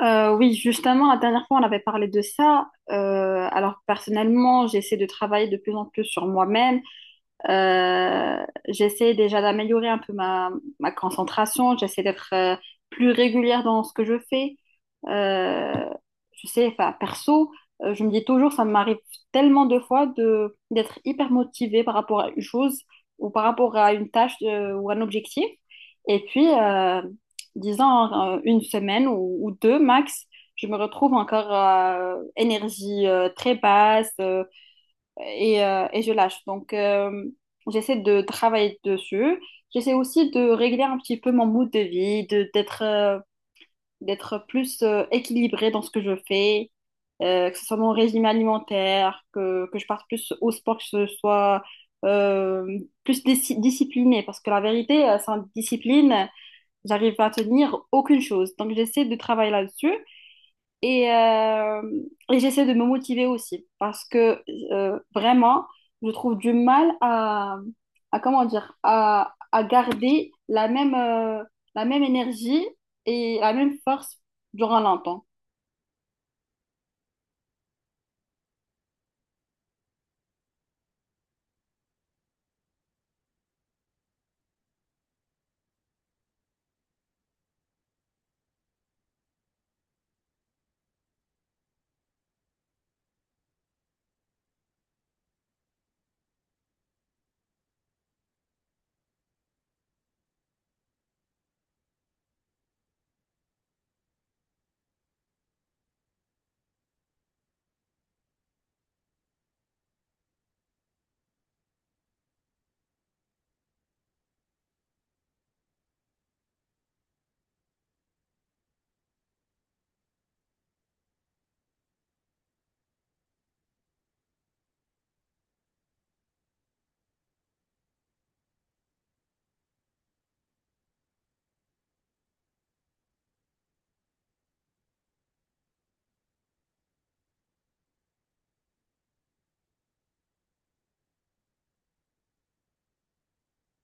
Oui, justement, la dernière fois, on avait parlé de ça. Alors, personnellement, j'essaie de travailler de plus en plus sur moi-même. J'essaie déjà d'améliorer un peu ma concentration, j'essaie d'être plus régulière dans ce que je fais. Euh, je sais, enfin, perso, je me dis toujours, ça m'arrive tellement de fois d'être hyper motivée par rapport à une chose ou par rapport à une tâche ou un objectif. Et puis, disons, une semaine ou deux max, je me retrouve encore énergie très basse. Et je lâche. Donc, j'essaie de travailler dessus. J'essaie aussi de régler un petit peu mon mood de vie, d'être, d'être plus équilibrée dans ce que je fais, que ce soit mon régime alimentaire, que je parte plus au sport, que ce soit euh, plus disciplinée. Parce que la vérité, sans discipline, j'arrive pas à tenir aucune chose. Donc, j'essaie de travailler là-dessus. Et, euh, et j'essaie de me motiver aussi parce que vraiment, je trouve du mal à comment dire, à garder la même énergie et la même force durant longtemps.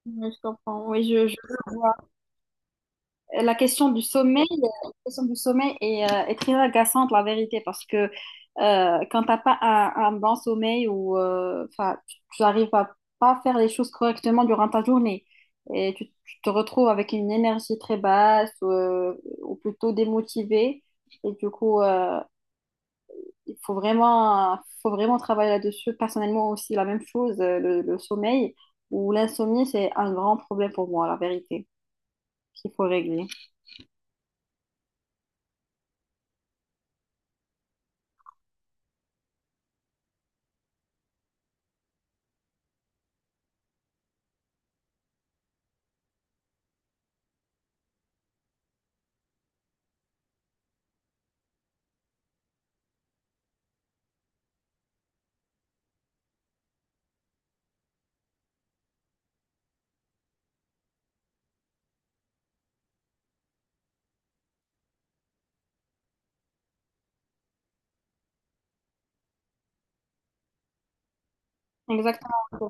Ouais, je comprends, oui, je la question du sommeil, la question du sommeil est, est très agaçante, la vérité, parce que quand t'as pas un, un bon sommeil ou enfin, tu arrives à pas faire les choses correctement durant ta journée et tu te retrouves avec une énergie très basse ou plutôt démotivée. Et du coup, il faut vraiment travailler là-dessus. Personnellement aussi, la même chose, le sommeil ou l'insomnie, c'est un grand problème pour moi, la vérité, qu'il faut régler. Exactement.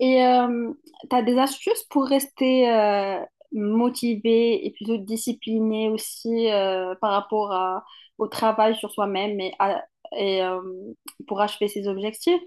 Et tu as des astuces pour rester motivé et plutôt discipliné aussi par rapport au travail sur soi-même et, et pour achever ses objectifs?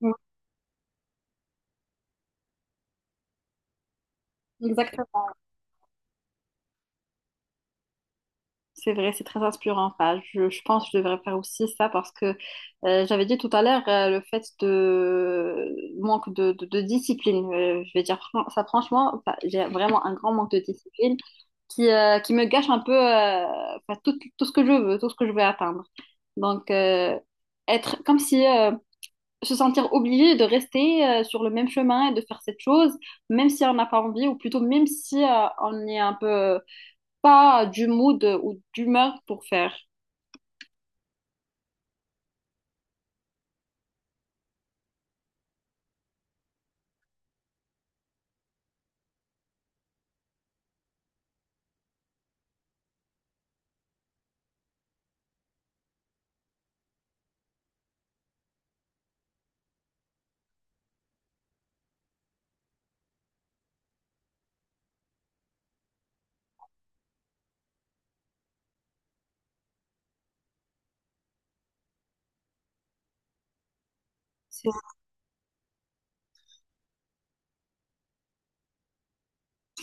Oui, exactement. C'est vrai, c'est très inspirant. Enfin, je pense que je devrais faire aussi ça parce que j'avais dit tout à l'heure le fait de manque de discipline. Je vais dire ça franchement, enfin, j'ai vraiment un grand manque de discipline. Qui qui me gâche un peu enfin, tout, tout ce que je veux, tout ce que je veux atteindre. Donc, être comme si se sentir obligé de rester sur le même chemin et de faire cette chose, même si on n'a pas envie, ou plutôt même si on est un peu pas du mood ou d'humeur pour faire. C'est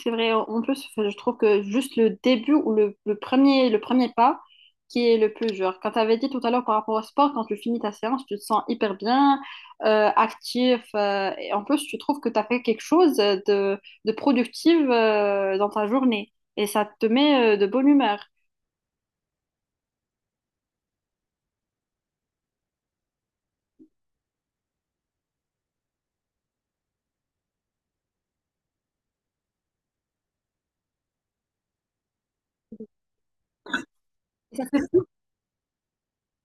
C'est vrai, en plus, enfin, je trouve que juste le début ou le premier pas qui est le plus dur. Quand tu avais dit tout à l'heure par rapport au sport, quand tu finis ta séance, tu te sens hyper bien, actif, et en plus, tu trouves que tu as fait quelque chose de productif dans ta journée, et ça te met de bonne humeur.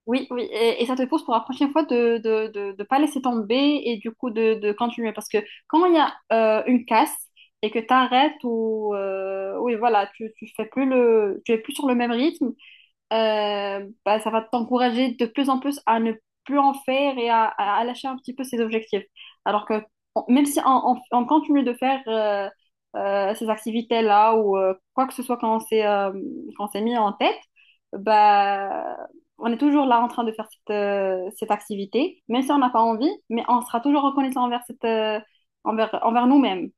Oui, oui, et ça te pousse pour la prochaine fois de pas laisser tomber et du coup de continuer. Parce que quand il y a une casse et que tu arrêtes ou oui, voilà, tu fais plus le, tu es plus sur le même rythme, bah, ça va t'encourager de plus en plus à ne plus en faire et à, à lâcher un petit peu ses objectifs. Alors que même si on continue de faire ces activités-là ou quoi que ce soit qu'on s'est mis en tête, bah, on est toujours là en train de faire cette activité, même si on n'a pas envie, mais on sera toujours reconnaissant envers, envers nous-mêmes.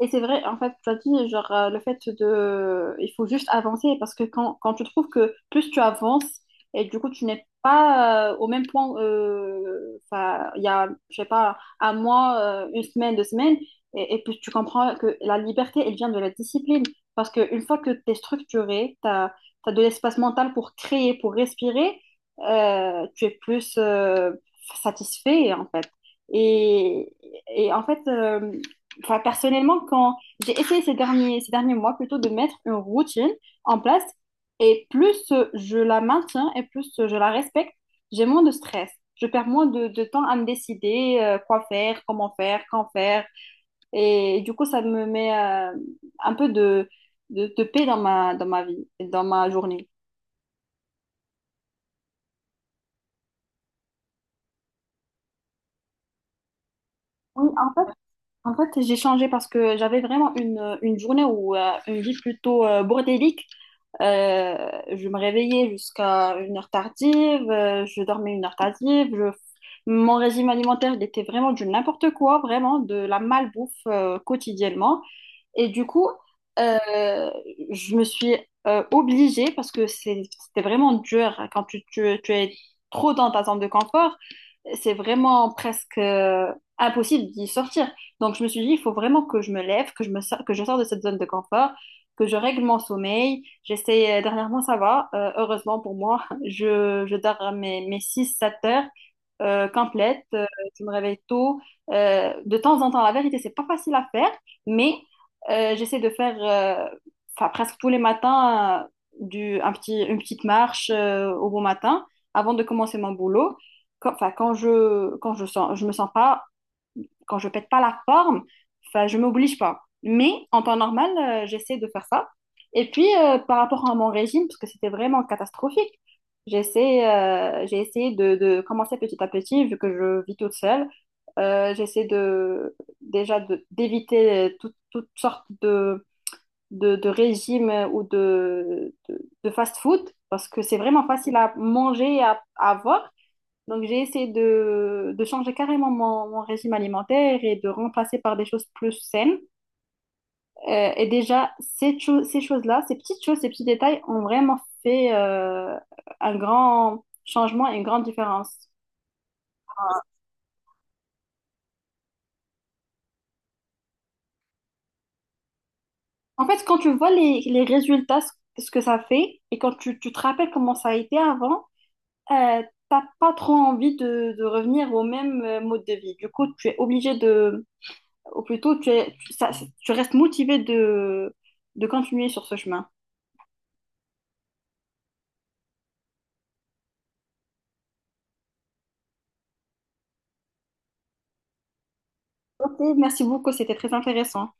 Et c'est vrai, en fait, tu as dit, genre, le fait de... Il faut juste avancer parce que quand, quand tu trouves que plus tu avances et du coup, tu n'es pas au même point, enfin, il y a, je sais pas, un mois, une semaine, deux semaines, et puis tu comprends que la liberté, elle vient de la discipline. Parce qu'une fois que tu es structuré, tu as, de l'espace mental pour créer, pour respirer, tu es plus satisfait, en fait. Et, et en fait... Enfin, personnellement, quand j'ai essayé ces derniers mois plutôt de mettre une routine en place, et plus je la maintiens et plus je la respecte, j'ai moins de stress. Je perds moins de temps à me décider quoi faire, comment faire, quand faire. Et, du coup, ça me met un peu de paix dans ma vie, et dans ma journée. Oui, en fait j'ai changé parce que j'avais vraiment une journée ou une vie plutôt bordélique. Euh, je me réveillais jusqu'à une heure tardive, je dormais une heure tardive, mon régime alimentaire, il était vraiment du n'importe quoi, vraiment de la malbouffe quotidiennement. Et du coup, euh, je me suis obligée, parce que c'était vraiment dur hein, quand tu, tu es trop dans ta zone de confort, c'est vraiment presque impossible d'y sortir. Donc je me suis dit, il faut vraiment que je me lève, que je me sors, que je sors de cette zone de confort, que je règle mon sommeil. J'essaie, dernièrement, ça va, heureusement pour moi, je dors mes, mes 6-7 heures complètes, je me réveille tôt. De temps en temps, la vérité, c'est pas facile à faire. Mais j'essaie de faire enfin, presque tous les matins un petit, une petite marche au bon matin avant de commencer mon boulot. Quand, enfin, quand je sens, je me sens pas quand je pète pas la forme, enfin, je m'oblige pas. Mais en temps normal, j'essaie de faire ça. Et puis, par rapport à mon régime, parce que c'était vraiment catastrophique, j'ai essayé de commencer petit à petit, vu que je vis toute seule. J'essaie de, déjà d'éviter toutes sortes de régimes ou de fast-food, parce que c'est vraiment facile à manger et à avoir. Donc, j'ai essayé de changer carrément mon, mon régime alimentaire et de remplacer par des choses plus saines. Et déjà, ces choses-là, ces petites choses, ces petits détails ont vraiment fait un grand changement et une grande différence. En fait, quand tu vois les résultats, ce que ça fait, et quand tu te rappelles comment ça a été avant, euh, t'as pas trop envie de revenir au même mode de vie. Du coup, tu es obligé de ou plutôt tu, es, tu, ça- tu restes motivé de continuer sur ce chemin. Ok, merci beaucoup, c'était très intéressant.